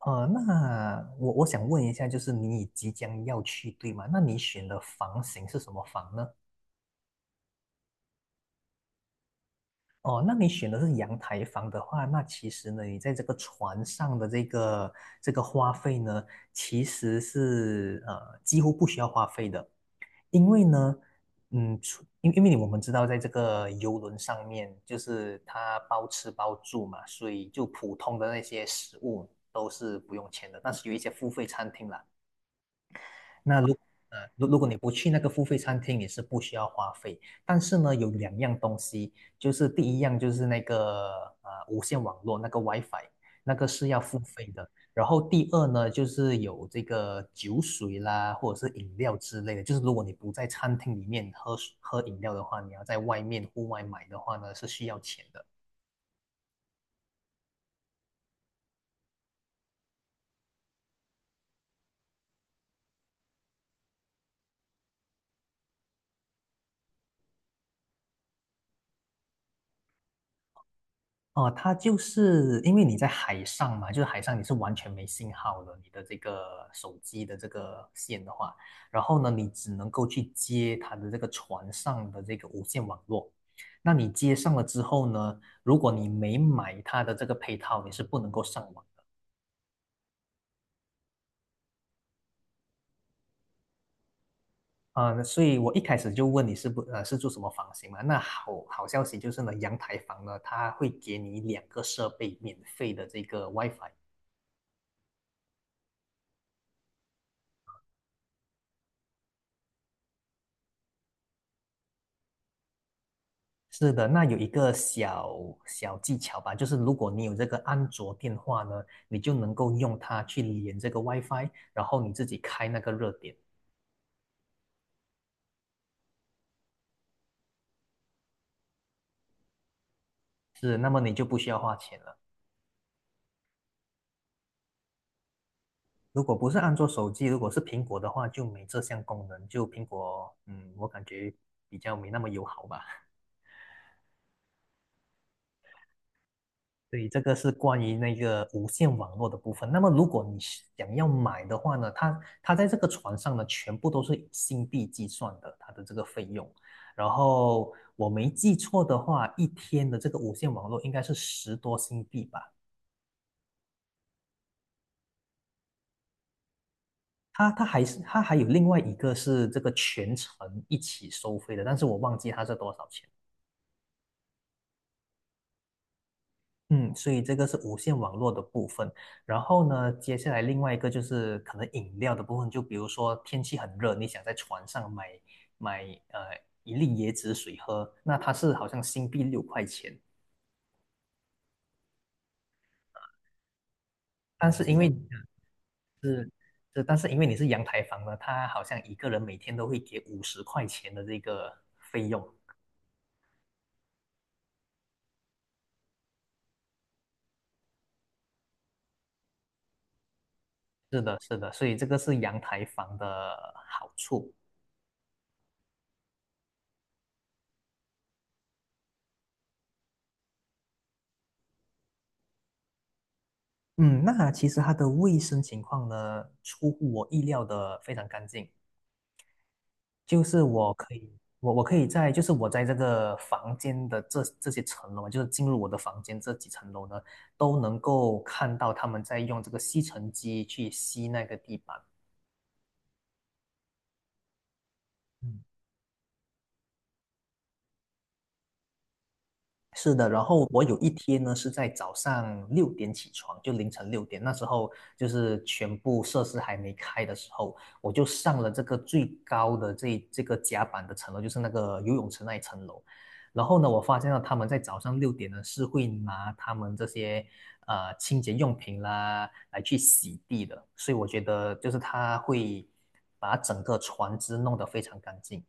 那我想问一下，就是你即将要去，对吗？那你选的房型是什么房呢？哦，那你选的是阳台房的话，那其实呢，你在这个船上的这个花费呢，其实是几乎不需要花费的，因为呢，除因因为我们知道，在这个游轮上面，就是它包吃包住嘛，所以就普通的那些食物都是不用钱的，但是有一些付费餐厅啦。那如呃，如如果你不去那个付费餐厅，你是不需要花费。但是呢，有两样东西，就是第一样就是那个无线网络那个 WiFi，那个是要付费的。然后第二呢，就是有这个酒水啦，或者是饮料之类的。就是如果你不在餐厅里面喝水喝饮料的话，你要在外面户外买的话呢，是需要钱的。哦，它就是因为你在海上嘛，就是海上你是完全没信号的，你的这个手机的这个线的话，然后呢，你只能够去接它的这个船上的这个无线网络。那你接上了之后呢，如果你没买它的这个配套，你是不能够上网的。啊、所以我一开始就问你是不呃是住什么房型嘛？那好消息就是呢，阳台房呢，它会给你两个设备免费的这个 WiFi。是的，那有一个小小技巧吧，就是如果你有这个安卓电话呢，你就能够用它去连这个 WiFi，然后你自己开那个热点，是，那么你就不需要花钱了。如果不是安卓手机，如果是苹果的话，就没这项功能，就苹果，我感觉比较没那么友好吧。对，这个是关于那个无线网络的部分。那么，如果你想要买的话呢，它在这个船上呢，全部都是以新币计算的，它的这个费用。然后我没记错的话，一天的这个无线网络应该是10多新币吧。它还有另外一个是这个全程一起收费的，但是我忘记它是多少钱。嗯，所以这个是无线网络的部分。然后呢，接下来另外一个就是可能饮料的部分，就比如说天气很热，你想在船上买呃一粒椰子水喝，那它是好像新币六块钱，但是因为你哦是是，但是因为你是阳台房呢，它好像一个人每天都会给50块钱的这个费用。是的，是的，所以这个是阳台房的好处。嗯，那其实它的卫生情况呢，出乎我意料的非常干净。就是我可以，我可以在，就是我在这个房间的这些层楼嘛就是进入我的房间这几层楼呢，都能够看到他们在用这个吸尘机去吸那个地板。是的，然后我有一天呢是在早上六点起床，就凌晨六点，那时候就是全部设施还没开的时候，我就上了这个最高的这个甲板的层楼，就是那个游泳池那一层楼。然后呢，我发现到他们在早上六点呢是会拿他们这些清洁用品啦来去洗地的，所以我觉得就是他会把整个船只弄得非常干净。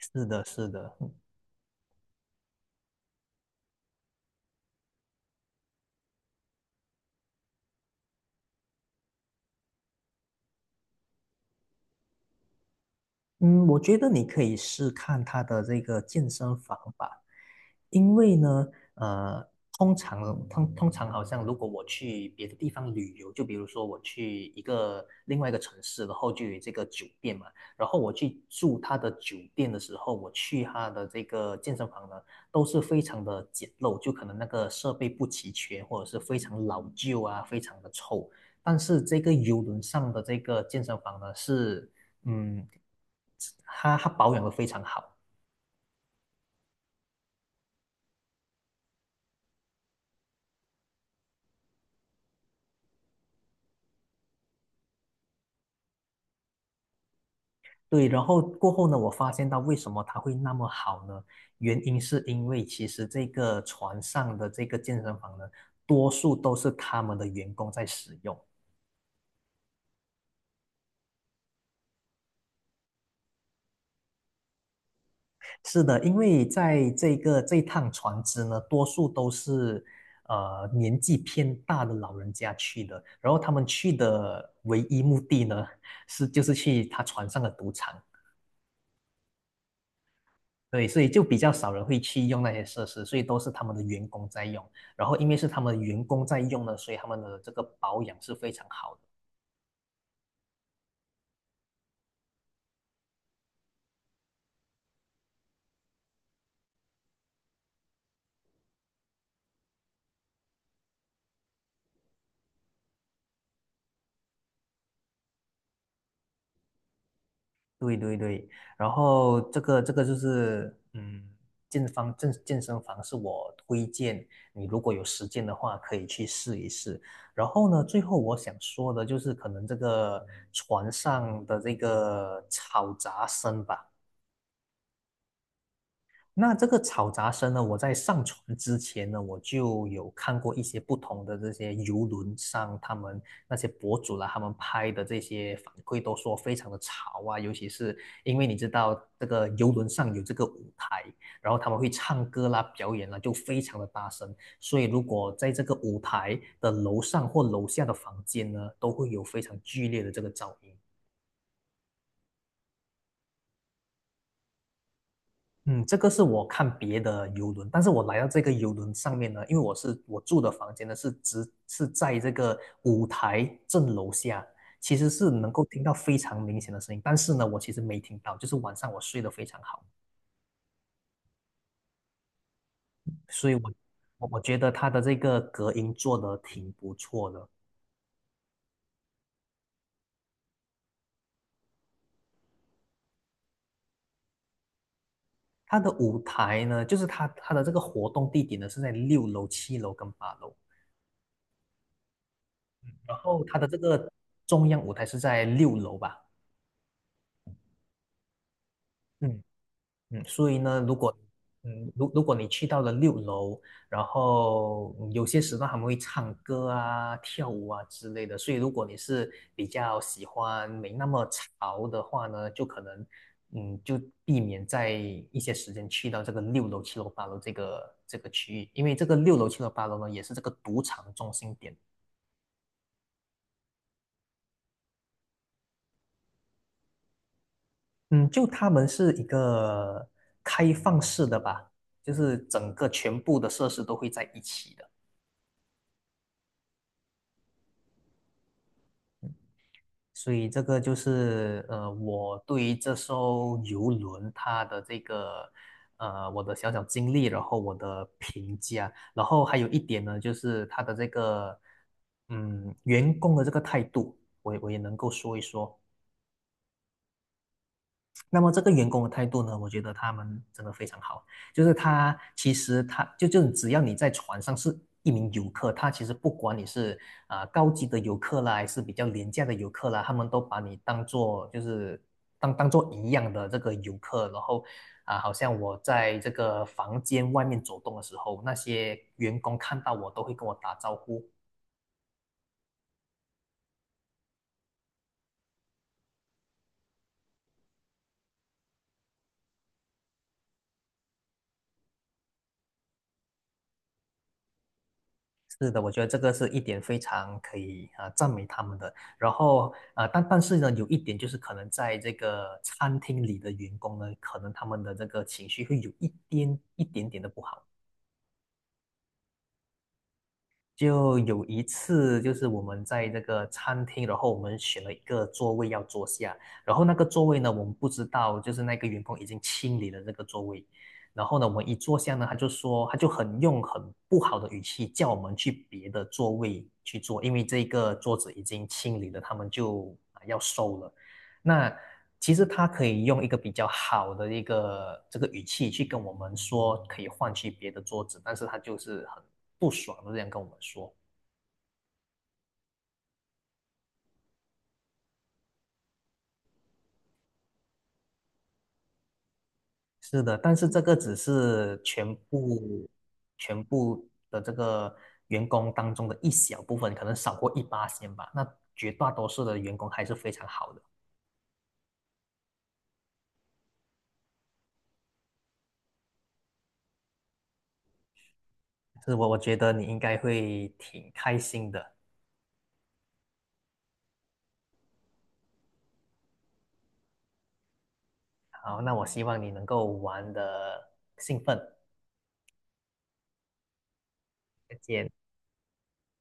是的，是的。嗯，我觉得你可以试看他的这个健身房吧，因为呢，呃，通常好像如果我去别的地方旅游，就比如说我去一个另外一个城市，然后就有这个酒店嘛，然后我去住他的酒店的时候，我去他的这个健身房呢，都是非常的简陋，就可能那个设备不齐全，或者是非常老旧啊，非常的臭。但是这个游轮上的这个健身房呢，是嗯，它保养的非常好。对，然后过后呢，我发现到为什么它会那么好呢？原因是因为其实这个船上的这个健身房呢，多数都是他们的员工在使用。是的，因为在这个这趟船只呢，多数都是年纪偏大的老人家去的，然后他们去的唯一目的呢，是就是去他船上的赌场。对，所以就比较少人会去用那些设施，所以都是他们的员工在用。然后因为是他们的员工在用呢，所以他们的这个保养是非常好的。对对对，然后这个就是健方健健身房是我推荐你，如果有时间的话可以去试一试。然后呢，最后我想说的就是可能这个船上的这个吵杂声吧。那这个吵杂声呢，我在上船之前呢，我就有看过一些不同的这些游轮上，他们那些博主啦，他们拍的这些反馈都说非常的吵啊，尤其是因为你知道这个游轮上有这个舞台，然后他们会唱歌啦、表演啦，就非常的大声，所以如果在这个舞台的楼上或楼下的房间呢，都会有非常剧烈的这个噪音。嗯，这个是我看别的游轮，但是我来到这个游轮上面呢，因为我住的房间呢是只是在这个舞台正楼下，其实是能够听到非常明显的声音，但是呢，我其实没听到，就是晚上我睡得非常好，所以我觉得它的这个隔音做得挺不错的。它的舞台呢，就是它的这个活动地点呢是在6楼、7楼跟8楼，然后它的这个中央舞台是在六楼吧。嗯，所以呢，如果你去到了六楼，然后有些时段他们会唱歌啊、跳舞啊之类的，所以如果你是比较喜欢没那么潮的话呢，就可能就避免在一些时间去到这个六楼、七楼、八楼这个区域，因为这个六楼、七楼、八楼呢，也是这个赌场中心点。嗯，就他们是一个开放式的吧，就是整个全部的设施都会在一起的。所以这个就是我对于这艘游轮它的这个我的小小经历，然后我的评价，然后还有一点呢，就是它的这个员工的这个态度，我也能够说一说。那么这个员工的态度呢，我觉得他们真的非常好，就是他其实他就只要你在船上是一名游客，他其实不管你是高级的游客啦，还是比较廉价的游客啦，他们都把你当做就是当当做一样的这个游客，然后好像我在这个房间外面走动的时候，那些员工看到我都会跟我打招呼，是的，我觉得这个是一点非常可以赞美他们的。然后啊，但是呢，有一点就是可能在这个餐厅里的员工呢，可能他们的这个情绪会有一点点的不好。就有一次，就是我们在这个餐厅，然后我们选了一个座位要坐下，然后那个座位呢，我们不知道，就是那个员工已经清理了这个座位，然后呢，我们一坐下呢，他就说，他就很用很不好的语气叫我们去别的座位去坐，因为这个桌子已经清理了，他们就啊要收了。那其实他可以用一个比较好的一个这个语气去跟我们说，可以换去别的桌子，但是他就是很不爽的这样跟我们说。是的，但是这个只是全部的这个员工当中的一小部分，可能少过一八千吧。那绝大多数的员工还是非常好的，是。我觉得你应该会挺开心的。好，那我希望你能够玩的兴奋，再见。